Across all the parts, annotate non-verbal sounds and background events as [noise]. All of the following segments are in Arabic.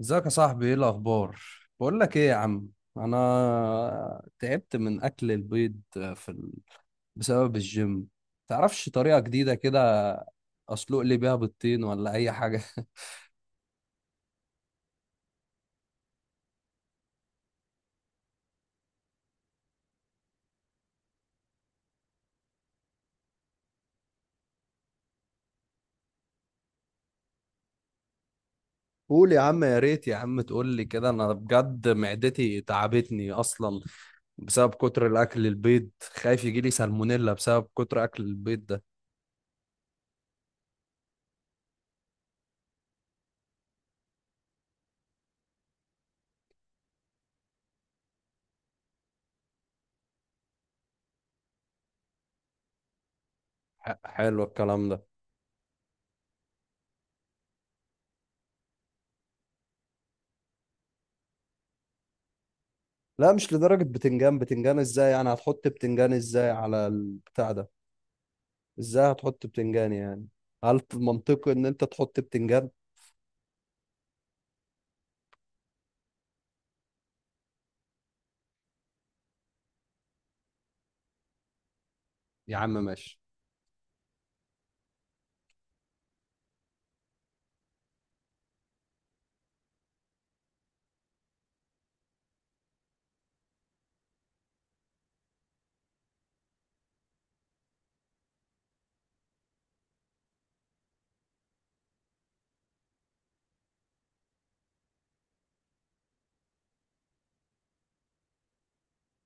ازيك يا صاحبي؟ ايه الاخبار؟ بقول لك ايه يا عم، انا تعبت من اكل البيض في ال... بسبب الجيم. تعرفش طريقة جديدة كده اسلق لي بيها بيضتين ولا اي حاجة؟ [laughs] قول يا عم، يا ريت يا عم تقول لي كده، انا بجد معدتي تعبتني اصلا بسبب كتر الاكل البيض، خايف يجي لي سالمونيلا بسبب كتر اكل البيض ده. حلو الكلام ده. لا مش لدرجة بتنجان، بتنجان ازاي؟ يعني هتحط بتنجان ازاي على البتاع ده؟ ازاي هتحط بتنجان يعني؟ هل منطقي ان انت تحط بتنجان؟ يا عم ماشي.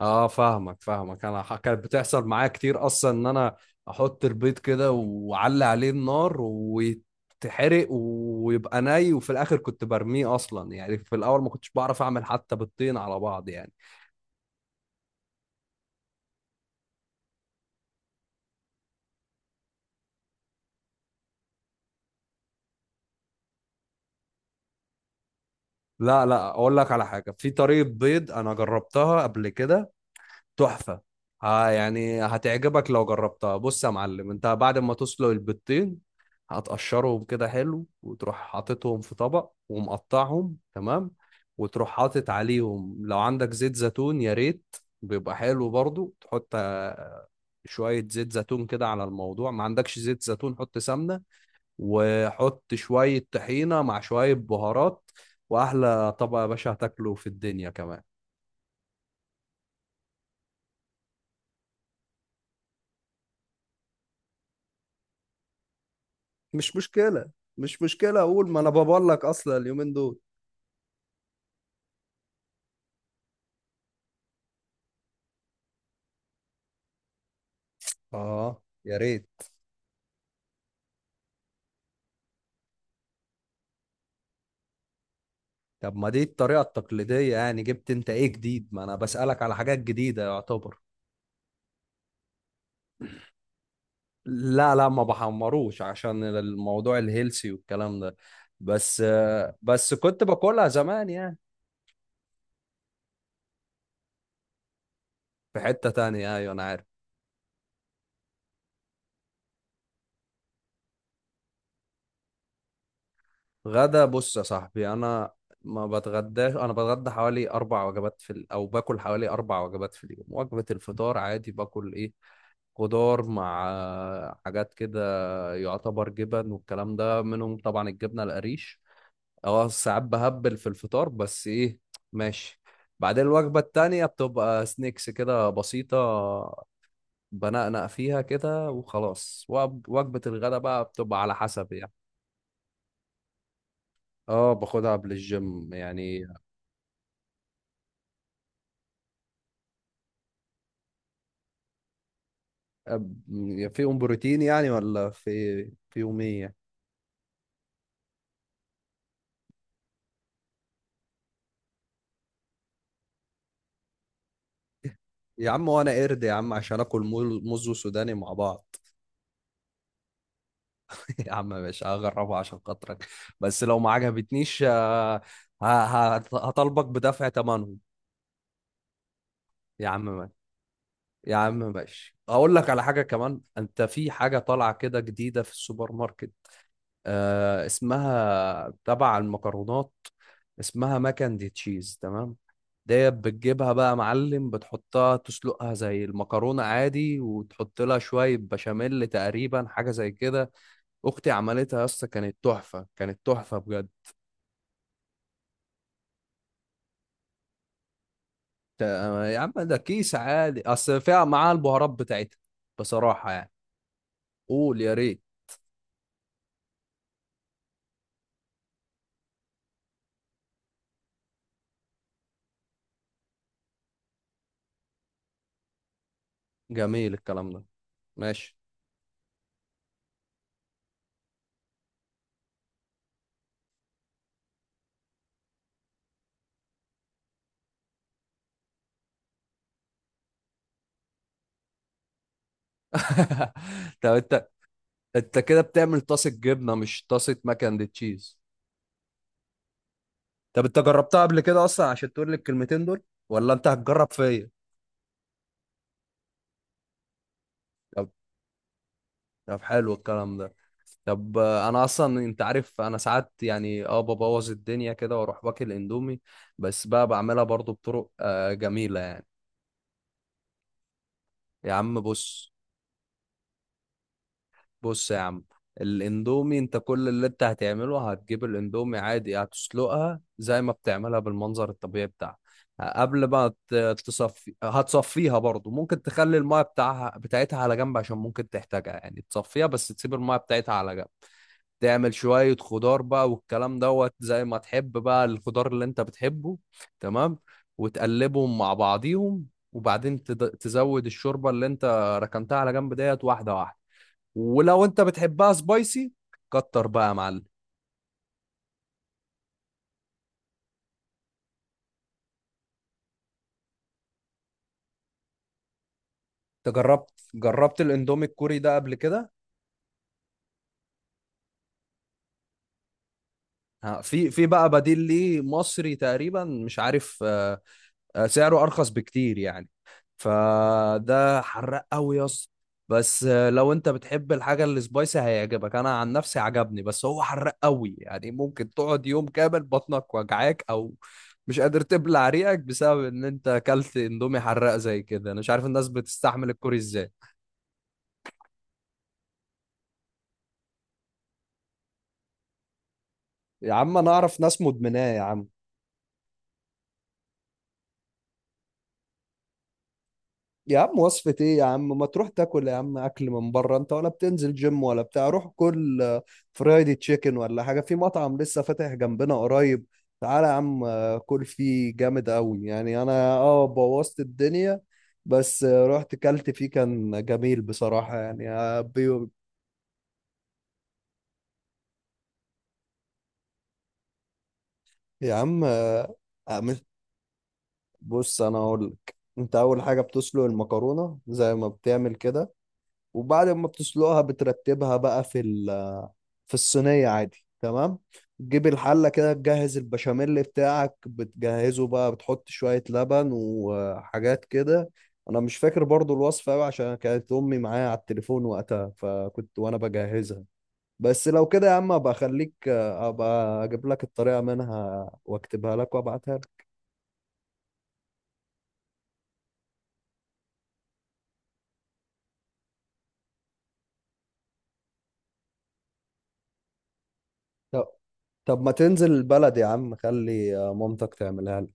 اه فاهمك فاهمك. انا كانت بتحصل معايا كتير اصلا ان انا احط البيض كده واعلي عليه النار ويتحرق ويبقى ني وفي الاخر كنت برميه اصلا، يعني في الاول ما كنتش بعرف اعمل حتى بيضتين على بعض يعني. لا، اقول لك على حاجه، في طريقه بيض انا جربتها قبل كده، تحفة. ها، يعني هتعجبك لو جربتها. بص يا معلم، انت بعد ما تسلق البيضتين هتقشرهم كده حلو وتروح حاططهم في طبق ومقطعهم، تمام، وتروح حاطط عليهم لو عندك زيت زيتون يا ريت، بيبقى حلو برضو. تحط شوية زيت زيتون كده على الموضوع. ما عندكش زيت زيتون حط سمنة، وحط شوية طحينة مع شوية بهارات، وأحلى طبق يا باشا هتاكله في الدنيا كمان. مش مشكلة. مش مشكلة، أقول ما أنا بقول لك أصلا اليومين دول. اه يا ريت. طب ما دي الطريقة التقليدية، يعني جبت أنت إيه جديد؟ ما أنا بسألك على حاجات جديدة يعتبر. لا، ما بحمروش عشان الموضوع الهيلسي والكلام ده، بس. بس كنت باكلها زمان يعني. في حتة تانية، أيوة أنا عارف. غدا؟ بص يا صاحبي أنا ما بتغداش، أنا بتغدى حوالي أربع وجبات أو باكل حوالي أربع وجبات في اليوم. وجبة الفطار عادي باكل إيه، خضار مع حاجات كده، يعتبر جبن والكلام ده منهم، طبعا الجبنة القريش. اه ساعات بهبل في الفطار بس ايه، ماشي. بعدين الوجبة التانية بتبقى سنيكس كده بسيطة، بنقنق فيها كده وخلاص. وجبة الغداء بقى بتبقى على حسب يعني. اه باخدها قبل الجيم يعني. فيهم بروتين يعني ولا في فيهم ايه؟ يا عم وانا قرد يا عم عشان اكل موز وسوداني مع بعض؟ [laughs] يا عم ماشي، هجربها عشان خاطرك، بس لو ما عجبتنيش هطالبك بدفع ثمنهم. يا عم ماشي. يا عم ماشي، اقول لك على حاجه كمان. انت في حاجه طالعه كده جديده في السوبر ماركت، آه، اسمها تبع المكرونات، اسمها ماكن دي تشيز، تمام؟ ديت بتجيبها بقى يا معلم، بتحطها تسلقها زي المكرونة عادي وتحط لها شوية بشاميل تقريبا، حاجة زي كده. أختي عملتها يا اسطى، كانت تحفة، كانت تحفة بجد. يا عم ده كيس عادي، اصل فيها معاه البهارات بتاعتها. بصراحة يعني. قول يا ريت. جميل الكلام ده. ماشي. [laughs] طب انت. انت كده بتعمل طاسة جبنة مش طاسة ماك اند تشيز. طب انت جربتها قبل كده اصلا عشان تقول لي الكلمتين دول، ولا انت هتجرب فيا؟ طب. طب حلو الكلام ده. طب انا اصلا انت عارف انا ساعات يعني اه ببوظ الدنيا كده واروح باكل اندومي، بس بقى بعملها برضو بطرق جميلة يعني. يا عم بص. بص يا عم، الاندومي انت كل اللي انت هتعمله هتجيب الاندومي عادي، هتسلقها زي ما بتعملها بالمنظر الطبيعي بتاعها. قبل ما تصفي هتصفيها برضو، ممكن تخلي المايه بتاعها بتاعتها على جنب عشان ممكن تحتاجها يعني، تصفيها بس تسيب المايه بتاعتها على جنب. تعمل شوية خضار بقى والكلام دوت، زي ما تحب بقى الخضار اللي انت بتحبه. تمام. وتقلبهم مع بعضيهم، وبعدين تزود الشوربة اللي انت ركنتها على جنب ديت واحدة واحدة، ولو انت بتحبها سبايسي كتر بقى يا معلم. انت جربت، جربت الاندومي الكوري ده قبل كده؟ ها، في بقى بديل ليه مصري تقريبا، مش عارف آه، آه، سعره ارخص بكتير يعني، فده حراق قوي يا اسطى. بس آه، لو انت بتحب الحاجه السبايسي هيعجبك. انا عن نفسي عجبني، بس هو حراق قوي يعني، ممكن تقعد يوم كامل بطنك وجعاك، او مش قادر تبلع ريقك بسبب ان انت اكلت اندومي حراق زي كده. انا مش عارف الناس بتستحمل الكوري ازاي. يا عم انا اعرف ناس مدمناه يا عم. يا عم وصفة ايه يا عم، ما تروح تاكل يا عم اكل من بره، انت ولا بتنزل جيم ولا بتاع، روح كل آه، فرايدي تشيكن ولا حاجة، في مطعم لسه فاتح جنبنا قريب، تعالى يا عم آه، كل فيه جامد قوي يعني. انا اه بوظت الدنيا بس آه، رحت كلت فيه كان جميل بصراحة يعني آه، يا عم آه، آه، بص انا اقول لك، انت اول حاجة بتسلق المكرونة زي ما بتعمل كده، وبعد ما بتسلقها بترتبها بقى في الصينية عادي، تمام، تجيب الحلة كده تجهز البشاميل بتاعك، بتجهزه بقى بتحط شوية لبن وحاجات كده. أنا مش فاكر برضو الوصفة أوي عشان كانت أمي معايا على التليفون وقتها، فكنت وأنا بجهزها. بس لو كده يا عم أبقى أخليك، أبقى أجيب لك الطريقة منها وأكتبها لك وأبعتها لك. طب. طب ما تنزل البلد يا عم خلي مامتك تعملها.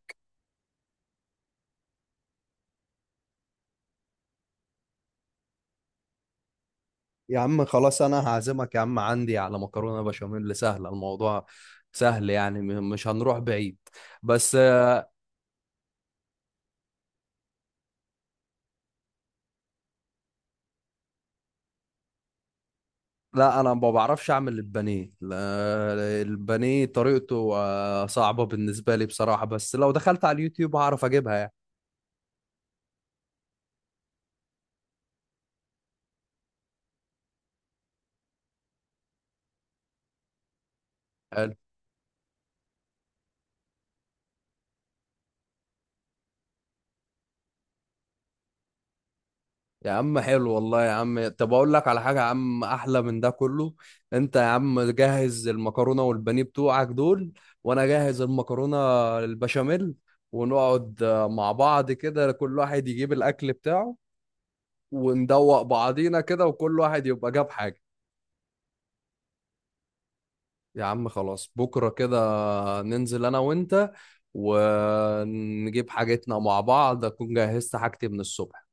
يا عم خلاص انا هعزمك يا عم عندي على مكرونه بشاميل سهله، الموضوع سهل يعني، مش هنروح بعيد، بس آه،. لا انا ما بعرفش اعمل البانيه، لا، البانيه طريقته آه، صعبه بالنسبه لي بصراحه، بس لو دخلت على اليوتيوب هعرف اجيبها يعني. يا عم حلو والله يا عم، طب اقول لك على حاجه يا عم احلى من ده كله. انت يا عم جهز المكرونه والبانيه بتوعك دول، وانا جاهز المكرونه البشاميل، ونقعد آه، مع بعض كده، كل واحد يجيب الاكل بتاعه وندوق بعضينا كده، وكل واحد يبقى جاب حاجه. يا عم خلاص بكره كده ننزل انا وانت، ونجيب حاجتنا مع بعض، اكون جهزت حاجتي من الصبح.